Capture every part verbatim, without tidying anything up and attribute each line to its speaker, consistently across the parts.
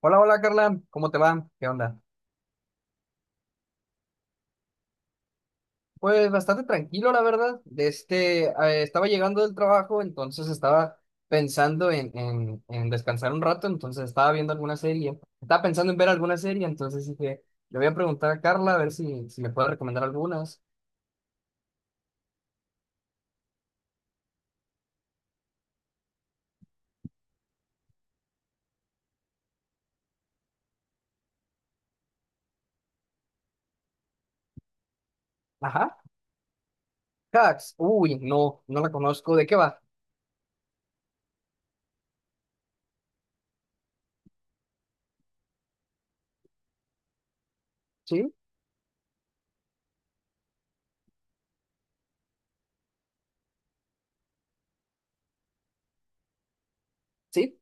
Speaker 1: Hola, hola Carla, ¿cómo te va? ¿Qué onda? Pues bastante tranquilo, la verdad. De este, eh, estaba llegando del trabajo, entonces estaba pensando en, en, en descansar un rato, entonces estaba viendo alguna serie. Estaba pensando en ver alguna serie, entonces dije, le voy a preguntar a Carla a ver si, si me puede recomendar algunas. Ajá, Hacks. Uy, no, no la conozco. ¿De qué va? ¿Sí? ¿Sí?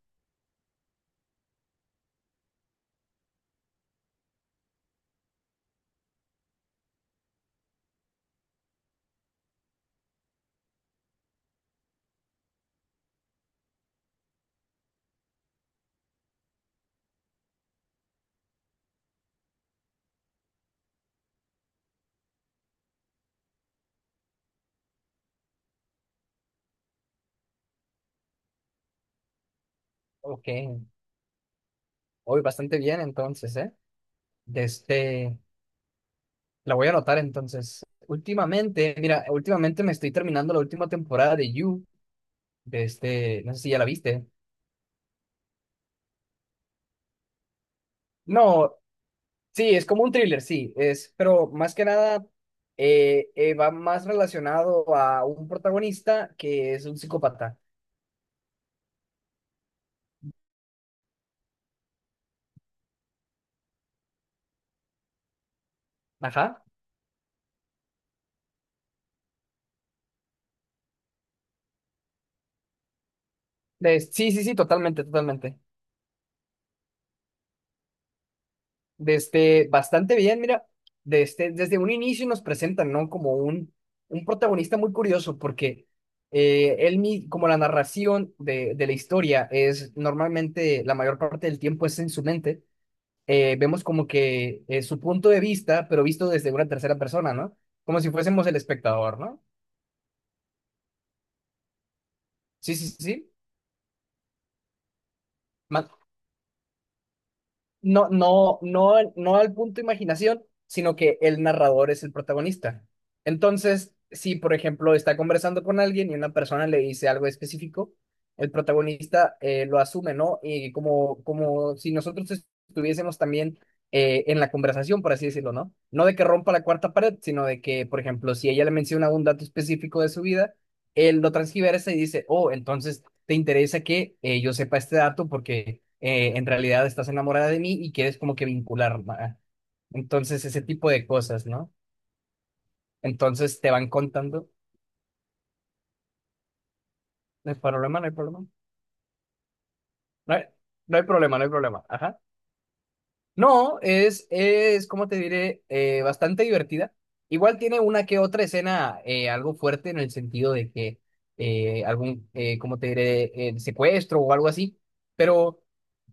Speaker 1: Ok. Hoy bastante bien, entonces, ¿eh? De este. La voy a anotar entonces. Últimamente, mira, últimamente me estoy terminando la última temporada de You, de este, no sé si ya la viste. No, sí, es como un thriller, sí, es, pero más que nada eh, eh, va más relacionado a un protagonista que es un psicópata. Ajá. De- sí, sí, sí, totalmente, totalmente. Desde bastante bien, mira, desde, desde un inicio nos presentan, ¿no? Como un, un protagonista muy curioso, porque eh, él, mi- como la narración de, de la historia es normalmente la mayor parte del tiempo es en su mente, eh, vemos como que eh, su punto de vista, pero visto desde una tercera persona, ¿no? Como si fuésemos el espectador, ¿no? Sí, sí, sí. No, no, no, no al punto imaginación, sino que el narrador es el protagonista. Entonces, si por ejemplo está conversando con alguien y una persona le dice algo específico, el protagonista eh, lo asume, ¿no? Y como, como si nosotros estuviésemos también eh, en la conversación, por así decirlo, ¿no? No de que rompa la cuarta pared, sino de que, por ejemplo, si ella le menciona un dato específico de su vida, él lo transgiversa y dice, oh, entonces te interesa que eh, yo sepa este dato porque eh, en realidad estás enamorada de mí y quieres como que vincular. Entonces, ese tipo de cosas, ¿no? Entonces te van contando. No hay problema, no hay problema. No hay, no hay problema, no hay problema. Ajá. No, es, es, como te diré, Eh, bastante divertida. Igual tiene una que otra escena eh, algo fuerte en el sentido de que eh, algún, eh, como te diré, el secuestro o algo así, pero,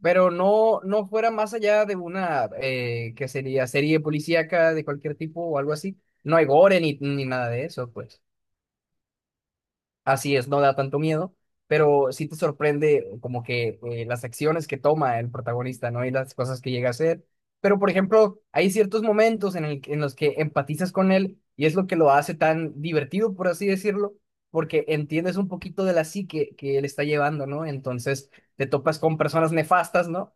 Speaker 1: pero no, no fuera más allá de una eh, que sería serie policíaca de cualquier tipo o algo así. No hay gore ni, ni nada de eso, pues. Así es, no da tanto miedo, pero sí te sorprende como que eh, las acciones que toma el protagonista, ¿no? Y las cosas que llega a hacer. Pero, por ejemplo, hay ciertos momentos en, el- en los que empatizas con él y es lo que lo hace tan divertido, por así decirlo, porque entiendes un poquito de la psique que él está llevando, ¿no? Entonces te topas con personas nefastas, ¿no?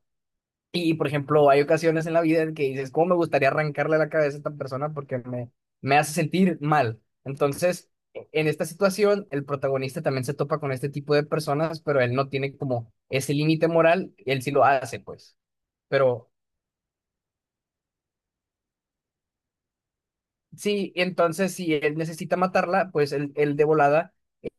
Speaker 1: Y, por ejemplo, hay ocasiones en la vida en que dices, ¿cómo me gustaría arrancarle la cabeza a esta persona porque me, me hace sentir mal? Entonces, e- en esta situación, el protagonista también se topa con este tipo de personas, pero él no tiene como ese límite moral, él sí lo hace, pues. Pero sí, entonces si él necesita matarla, pues él, él de volada,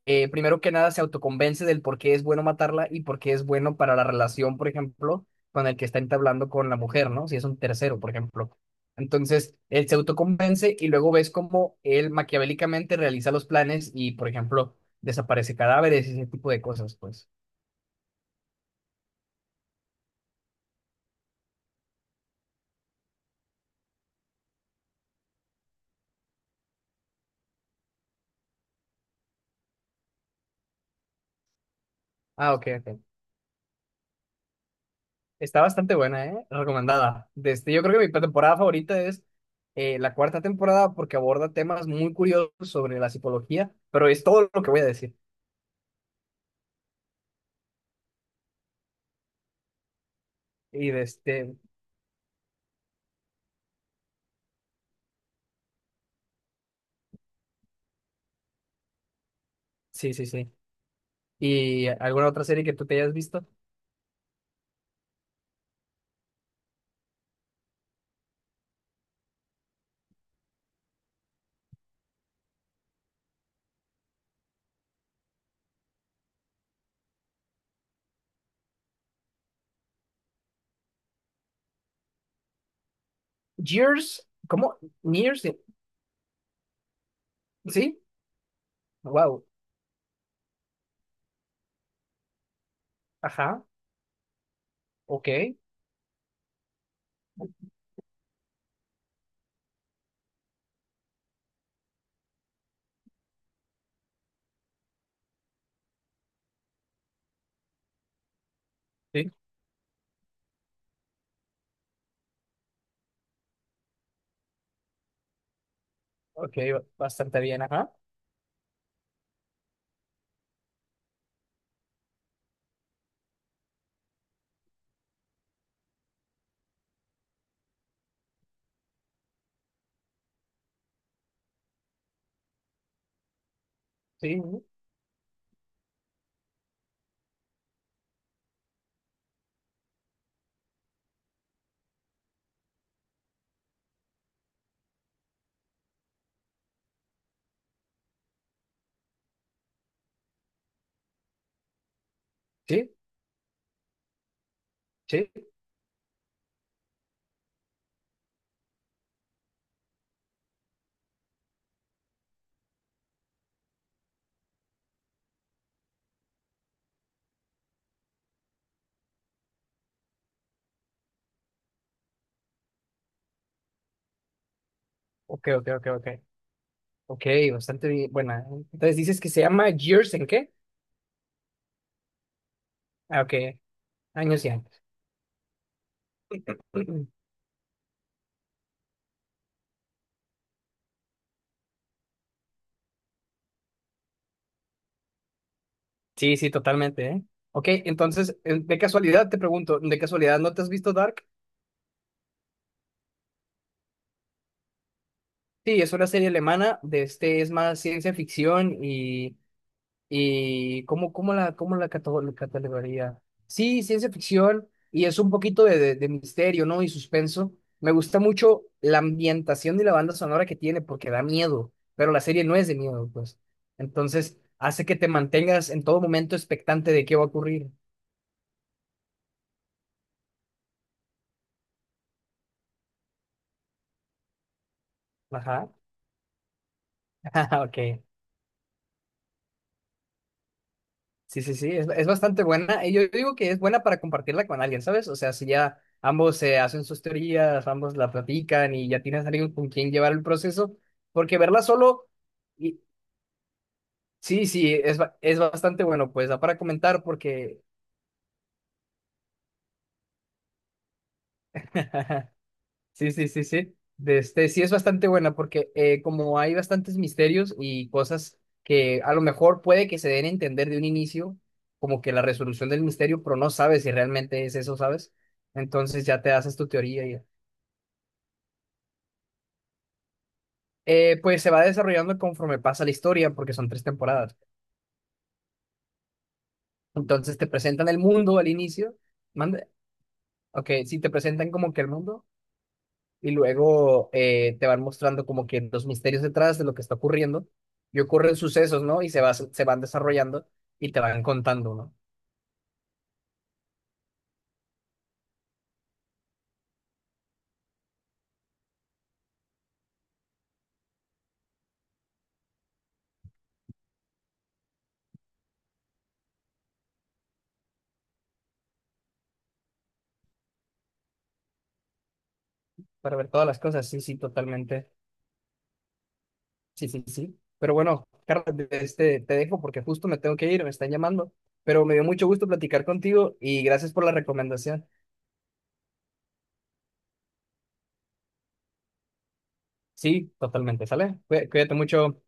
Speaker 1: eh, primero que nada, se autoconvence del por qué es bueno matarla y por qué es bueno para la relación, por ejemplo, con el que está entablando con la mujer, ¿no? Si es un tercero, por ejemplo. Entonces, él se autoconvence y luego ves cómo él maquiavélicamente realiza los planes y, por ejemplo, desaparece cadáveres y ese tipo de cosas, pues. Ah, ok, ok. Está bastante buena, ¿eh? Recomendada. Desde, yo creo que mi temporada favorita es eh, la cuarta temporada porque aborda temas muy curiosos sobre la psicología, pero es todo lo que voy a decir. Y de este, sí, sí, sí. ¿Y eh, alguna otra serie que tú te hayas visto? Years, ¿cómo? Years, sí. Wow. Ajá. Ok. Sí. Ok, bastante bien. Ajá. Sí. Sí. Sí. Ok, ok, ok, ok. Ok, bastante bien. Buena. Entonces dices que se llama Years, ¿en qué? Ah, ok. Años y años. Sí, sí, totalmente, ¿eh? Ok, entonces, eh, de casualidad te pregunto, ¿de casualidad no te has visto Dark? Sí, es una serie alemana, de este es más ciencia ficción y, y ¿cómo, cómo la, cómo la cata- la catalogaría? Sí, ciencia ficción y es un poquito de, de- de misterio, ¿no? Y suspenso. Me gusta mucho la ambientación y la banda sonora que tiene porque da miedo, pero la serie no es de miedo, pues. Entonces, hace que te mantengas en todo momento expectante de qué va a ocurrir. Ajá. Ok. Sí, sí, sí, es, es bastante buena. Y yo digo que es buena para compartirla con alguien, ¿sabes? O sea, si ya ambos se hacen sus teorías, ambos la platican y ya tienes alguien con quien llevar el proceso, porque verla solo, y, sí, sí, es, ba- es bastante bueno, pues da para comentar porque Sí, sí, sí, sí. De este, sí es bastante buena porque eh, como hay bastantes misterios y cosas que a lo mejor puede que se den a entender de un inicio, como que la resolución del misterio, pero no sabes si realmente es eso, ¿sabes? Entonces ya te haces tu teoría y eh, pues se va desarrollando conforme pasa la historia porque son tres temporadas. Entonces te presentan el mundo al inicio, mande, ok, sí te presentan como que el mundo. Y luego eh, te van mostrando como que los misterios detrás de lo que está ocurriendo y ocurren sucesos, ¿no? Y se va, se van desarrollando y te van contando, ¿no? Para ver todas las cosas, sí, sí, totalmente, sí, sí, sí. Pero bueno, Carlos, de- este, te dejo porque justo me tengo que ir, me están llamando, pero me dio mucho gusto platicar contigo y gracias por la recomendación. Sí, totalmente, ¿sale? Cuí- Cuídate mucho.